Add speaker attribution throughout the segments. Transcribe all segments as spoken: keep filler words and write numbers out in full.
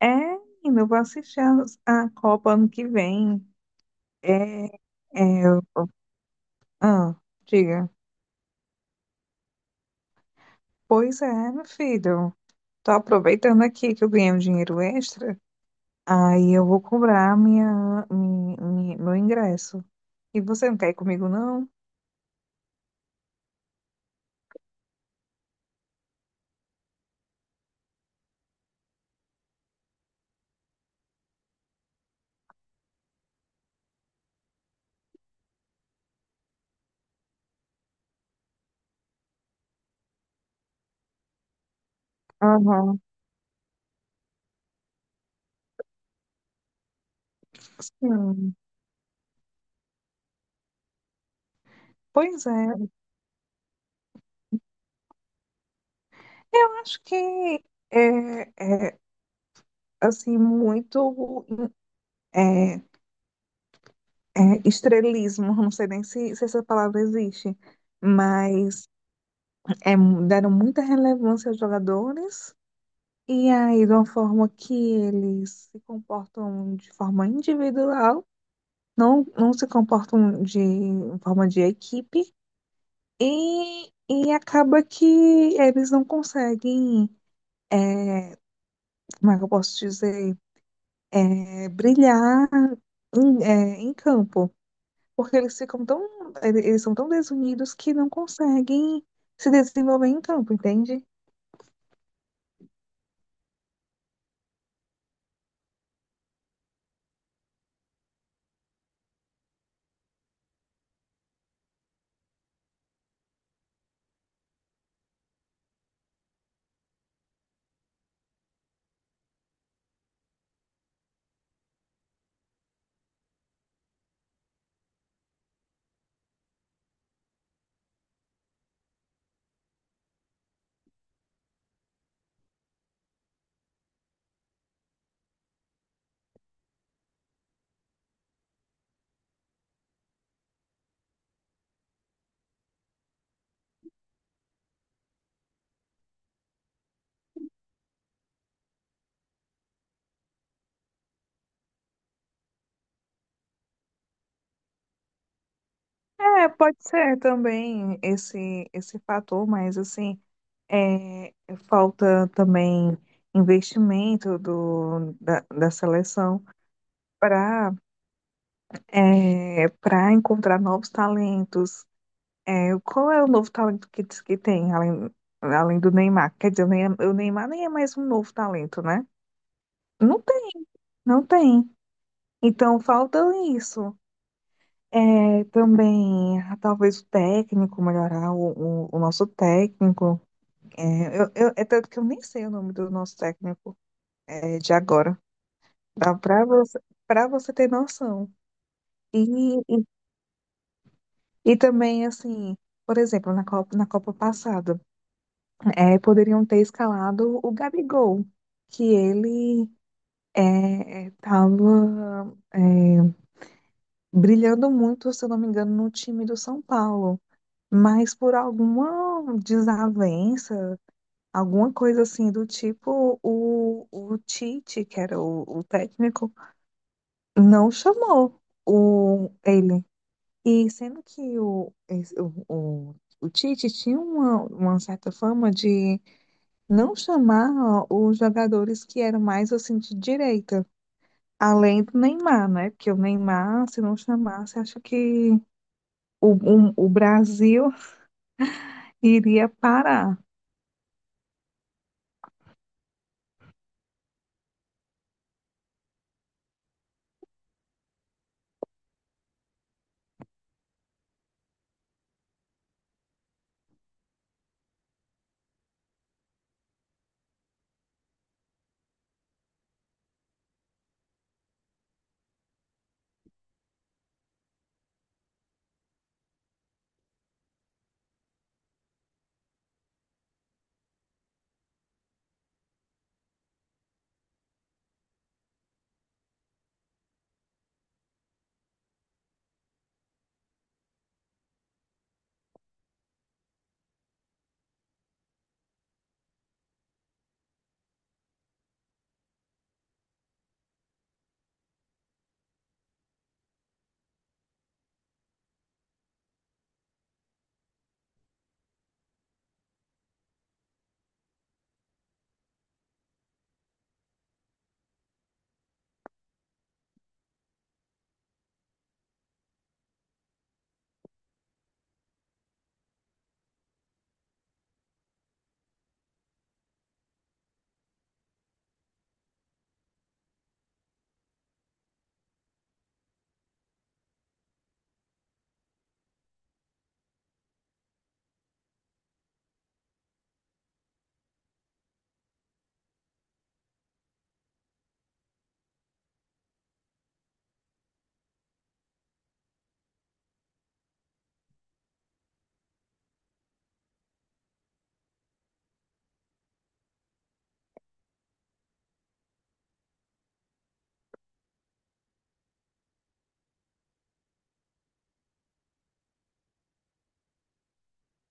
Speaker 1: É, menina, eu vou assistir a, a Copa ano que vem. É, é, eu- ah, Diga. Pois é, meu filho. Tô aproveitando aqui que eu ganhei um dinheiro extra. Aí eu vou cobrar minha, mi- mi- meu ingresso. E você não quer ir comigo, não? Aham, sim. Pois é. Eu acho que é, é assim, muito é, é, estrelismo. Não sei nem se, se essa palavra existe. Mas é, deram muita relevância aos jogadores, e aí, de uma forma que eles se comportam de forma individual, não, não se comportam de forma de equipe, e, e acaba que eles não conseguem, como é que eu posso dizer, é, brilhar em, é, em campo, porque eles ficam tão, eles eles são tão desunidos que não conseguem se desenvolver em campo, entende? É, pode ser também esse esse fator, mas assim, é, falta também investimento do, da, da seleção para para encontrar novos talentos. É, qual é o novo talento que diz que tem, além, além do Neymar? Quer dizer, o Ney- o Neymar nem é mais um novo talento, né? Não tem, não tem. Então falta isso. É, também, ah, talvez o técnico, melhorar o, o o nosso técnico. É, eu, eu- É tanto que eu nem sei o nome do nosso técnico, é, de agora. Dá para você, para você ter noção. E, e, e também, assim, por exemplo, na Copa, na Copa passada, é, poderiam ter escalado o Gabigol, que ele é, estava brilhando muito, se eu não me engano, no time do São Paulo. Mas por alguma desavença, alguma coisa assim do tipo, o, o Tite, que era o, o técnico, não chamou o, ele. E sendo que o, esse- o, o, o Tite tinha uma, uma certa fama de não chamar os jogadores que eram mais assim de direita, além do Neymar, né? Porque o Neymar, se não chamasse, acho que o, o, o Brasil iria parar.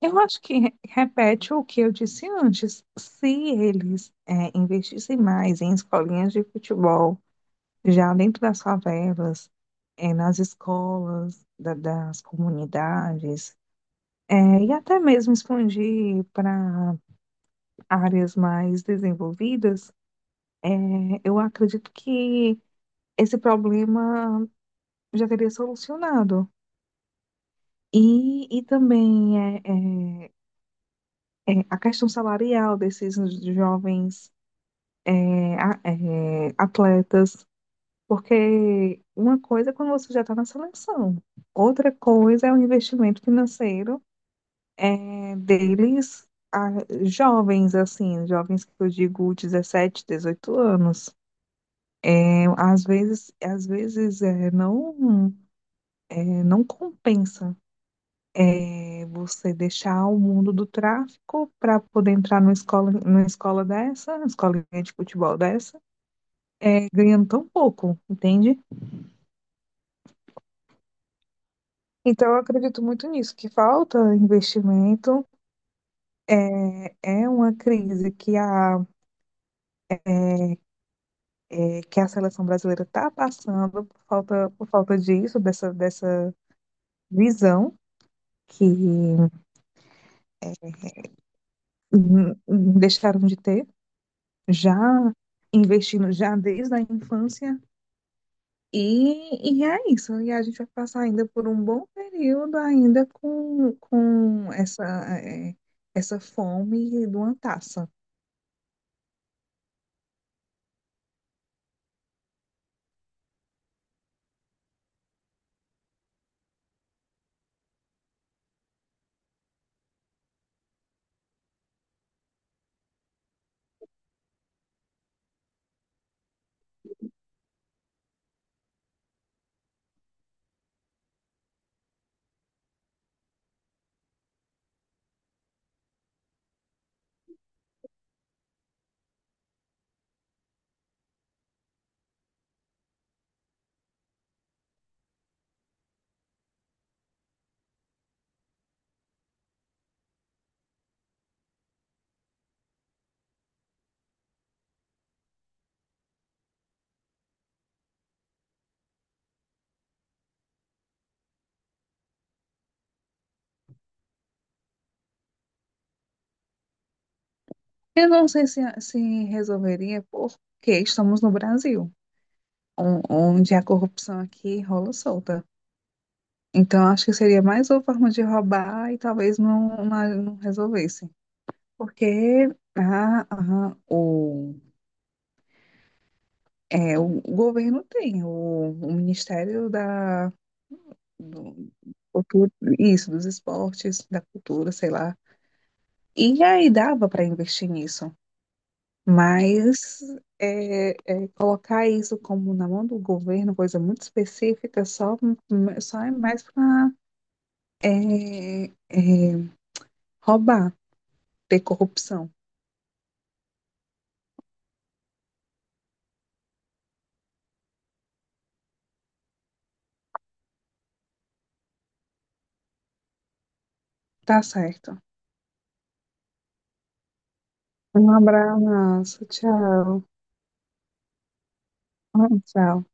Speaker 1: Eu acho que re- repete o que eu disse antes. Se eles é, investissem mais em escolinhas de futebol, já dentro das favelas, é, nas escolas da- das comunidades, é, e até mesmo expandir para áreas mais desenvolvidas, é, eu acredito que esse problema já teria solucionado. E, e também é, é, É a questão salarial desses jovens é, a- é, atletas, porque uma coisa é quando você já está na seleção, outra coisa é o investimento financeiro, é, deles, a- jovens, assim, jovens que eu digo dezessete, dezoito anos. É, às vezes, às vezes é, não, é, não compensa é, você deixar o mundo do tráfico para poder entrar numa escola, numa escola dessa, numa escolinha de futebol dessa, é, ganhando tão pouco, entende? Então, eu acredito muito nisso, que falta investimento. É é uma crise que a, é, que a seleção brasileira está passando por falta, por falta disso, dessa, dessa visão que hum, hum, deixaram de ter, já investindo já desde a infância. E, e é isso. E a gente vai passar ainda por um bom período ainda com, com essa, é, essa fome de uma taça. Eu não sei se, se resolveria porque estamos no Brasil, on- onde a corrupção aqui rola solta. Então, acho que seria mais uma forma de roubar e talvez não, não, não resolvesse. Porque a, a- o, é, o governo tem, o, o Ministério da, do, Cultura- isso, dos esportes, da cultura, sei lá. E aí dava para investir nisso. Mas é, é, colocar isso como na mão do governo, coisa muito específica, só, só é mais para roubar, ter corrupção. Tá certo. Um abraço, tchau. Ah, tchau.